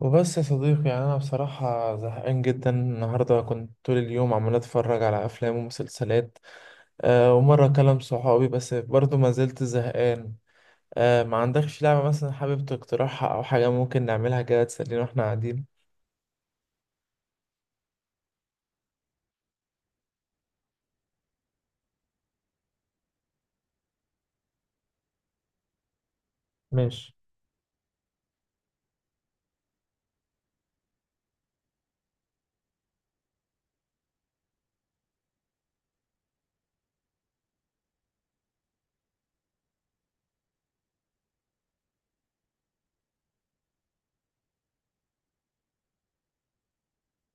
وبس يا صديقي، يعني أنا بصراحة زهقان جدا النهاردة. كنت طول اليوم عمال أتفرج على أفلام ومسلسلات. أه ومرة أكلم صحابي بس برضه ما زلت زهقان. أه ما عندكش لعبة مثلا حابب تقترحها أو حاجة ممكن نعملها كده تسلينا وإحنا قاعدين؟ ماشي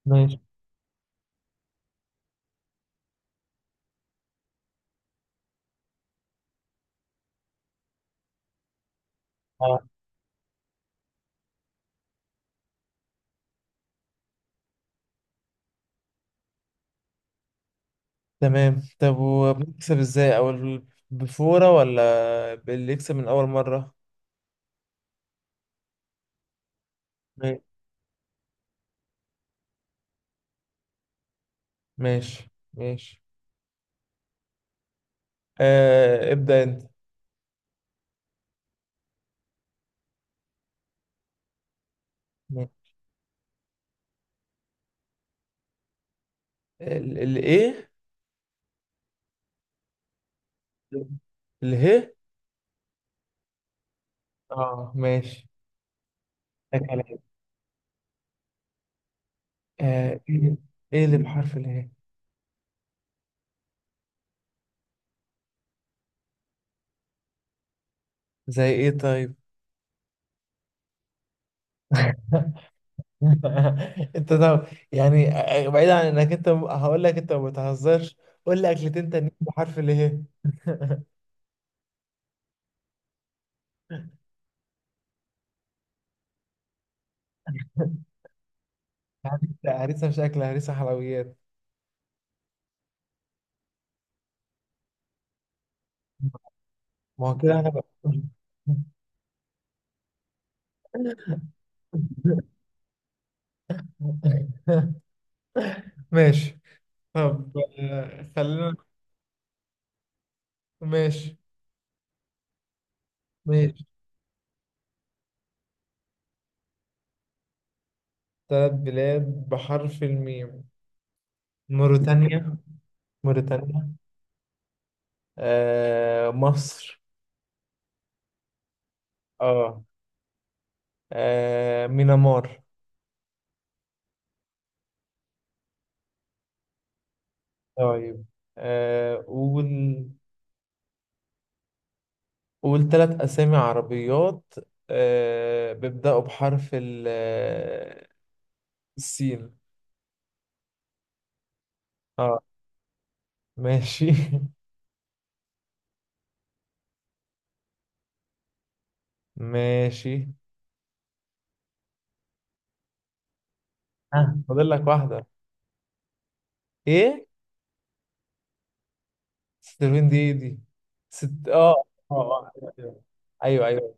ماشي. آه. تمام. طب وبنكسب إزاي أو بفورة ولا باللي يكسب من أول مرة؟ ماشي ماشي ماشي. أه ابدأ أنت. ماشي. الإيه؟ اله. اه ماشي. ده كلام. آه ايه. إيه اللي بحرف اله؟ زي ايه طيب؟ انت ده، يعني بعيد عن انك انت هقول لك انت ما بتهزرش. قول لي اكلتين تانيين بحرف اله. هريسه مش اكل، هريسه حلويات. ما هو كده انا بقى. ماشي. طب خلينا. ماشي ماشي. ثلاث بلاد بحرف الميم. موريتانيا موريتانيا. آه مصر. اه. مينامار. طيب قول. قول ثلاث أسامي عربيات بيبدأوا بحرف السين. اه ماشي ماشي. ها فاضل لك واحدة. ايه؟ ستيرفين دي. ست اه. آه. أيوة، أيوة. ايوه ايوه.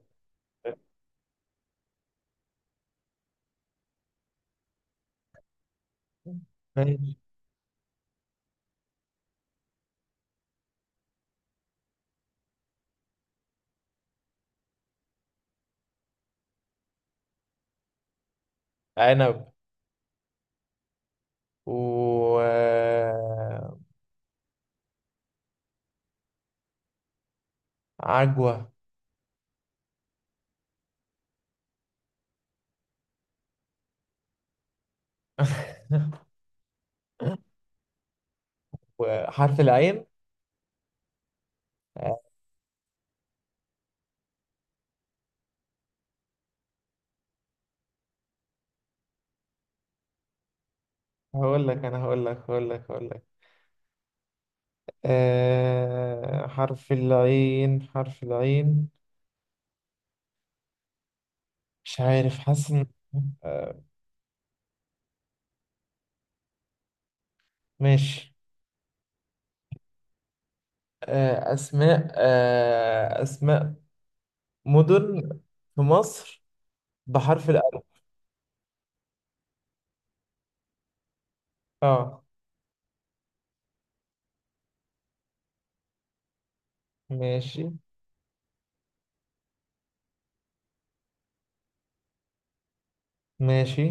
ماشي. عنب و عجوة. وحرف العين. هقول لك انا. هقول لك هقول لك آه حرف العين مش عارف حاسس آه ماشي. آه اسماء. آه اسماء مدن في مصر بحرف الألف. اه ماشي. ماشي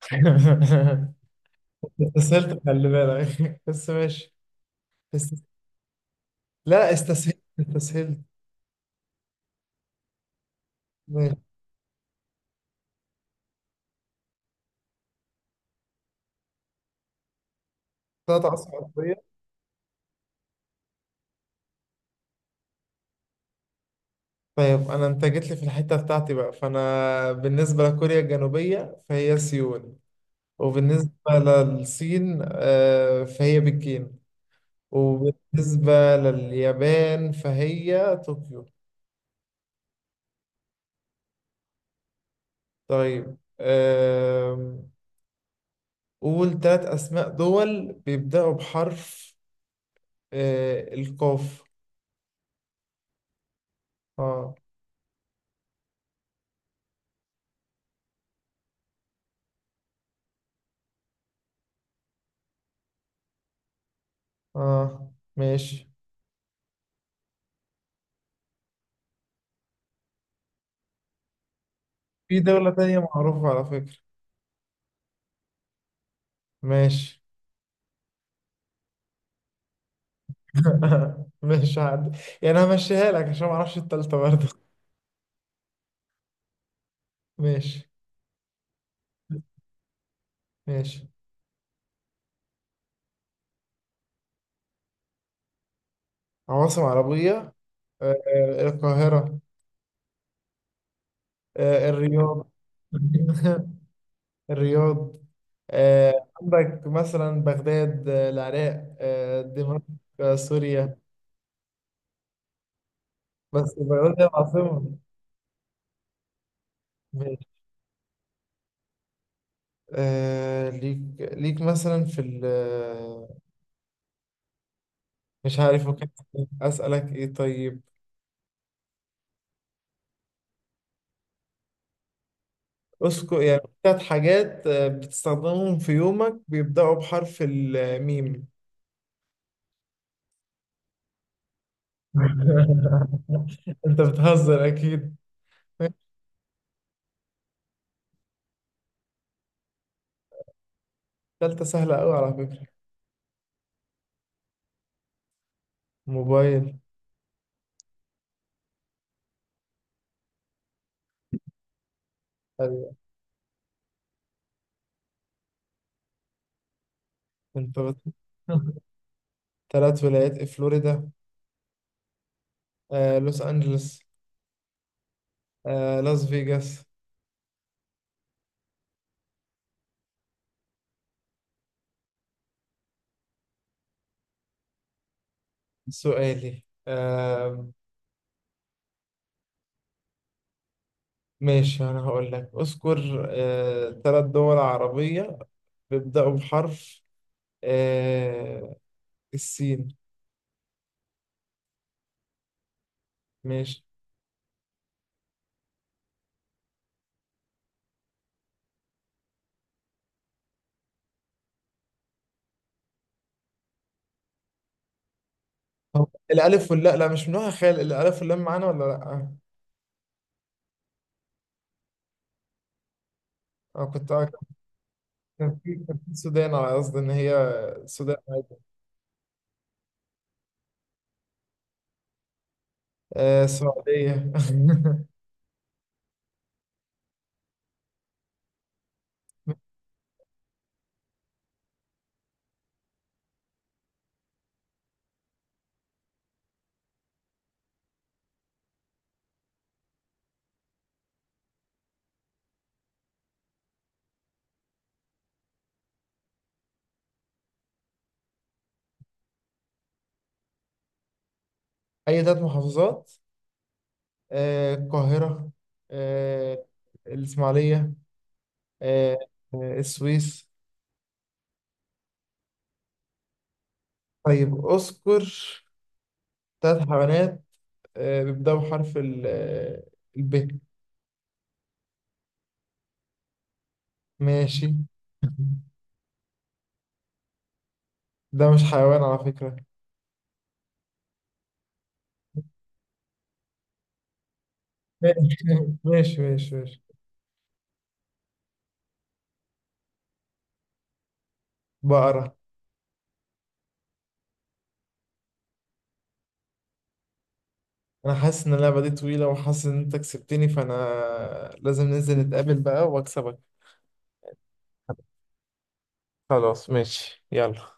استسهلت، خلي بالك بس ماشي. است... لا، استسهلت. ماشي. ثلاث عواصم. طيب انا، انت جيت لي في الحته بتاعتي بقى، فانا بالنسبه لكوريا الجنوبيه فهي سيول، وبالنسبه للصين فهي بكين، وبالنسبه لليابان فهي طوكيو. طيب قول ثلاث اسماء دول بيبداوا بحرف القاف. اه اه ماشي. في دوله تانية معروفه على فكره. ماشي ماشي عادي، يعني انا همشيها لك عشان ما اعرفش التالتة برضه. ماشي ماشي. عواصم عربية. القاهرة. الرياض. الرياض. عندك مثلا بغداد، العراق، دمشق، سوريا. بس بغداد هي العاصمة. ماشي. ليك مثلا في ال آه، مش عارف. ممكن أسألك إيه طيب؟ أذكر يعني ثلاث حاجات بتستخدمهم في يومك، بيبدأوا بحرف الميم. انت بتهزر اكيد. تالتة سهلة قوي على فكرة. موبايل. ايوه. انت تلات ولايات في فلوريدا. لوس انجلوس. لاس فيجاس. سؤالي ماشي. انا هقول لك اذكر تلات دول عربية بيبدأوا بحرف آه، السين. ماشي. طب الألف واللا لا مش من نوع خال، الألف واللام معانا ولا لأ؟ أنا كنت. كان في السودان، على قصد ان هي السودان عادي. آه السعودية. اي ثلاث محافظات. آه القاهرة. آه الاسماعيلية. آه السويس. طيب اذكر ثلاث حيوانات آه بيبدأوا بحرف ال آه، الب. ماشي ده مش حيوان على فكرة. ماشي ماشي ماشي ماشي. بقرة. أنا حاسس إن اللعبة دي طويلة وحاسس إن أنت كسبتني، فأنا لازم ننزل نتقابل بقى وأكسبك. خلاص ماشي يلا.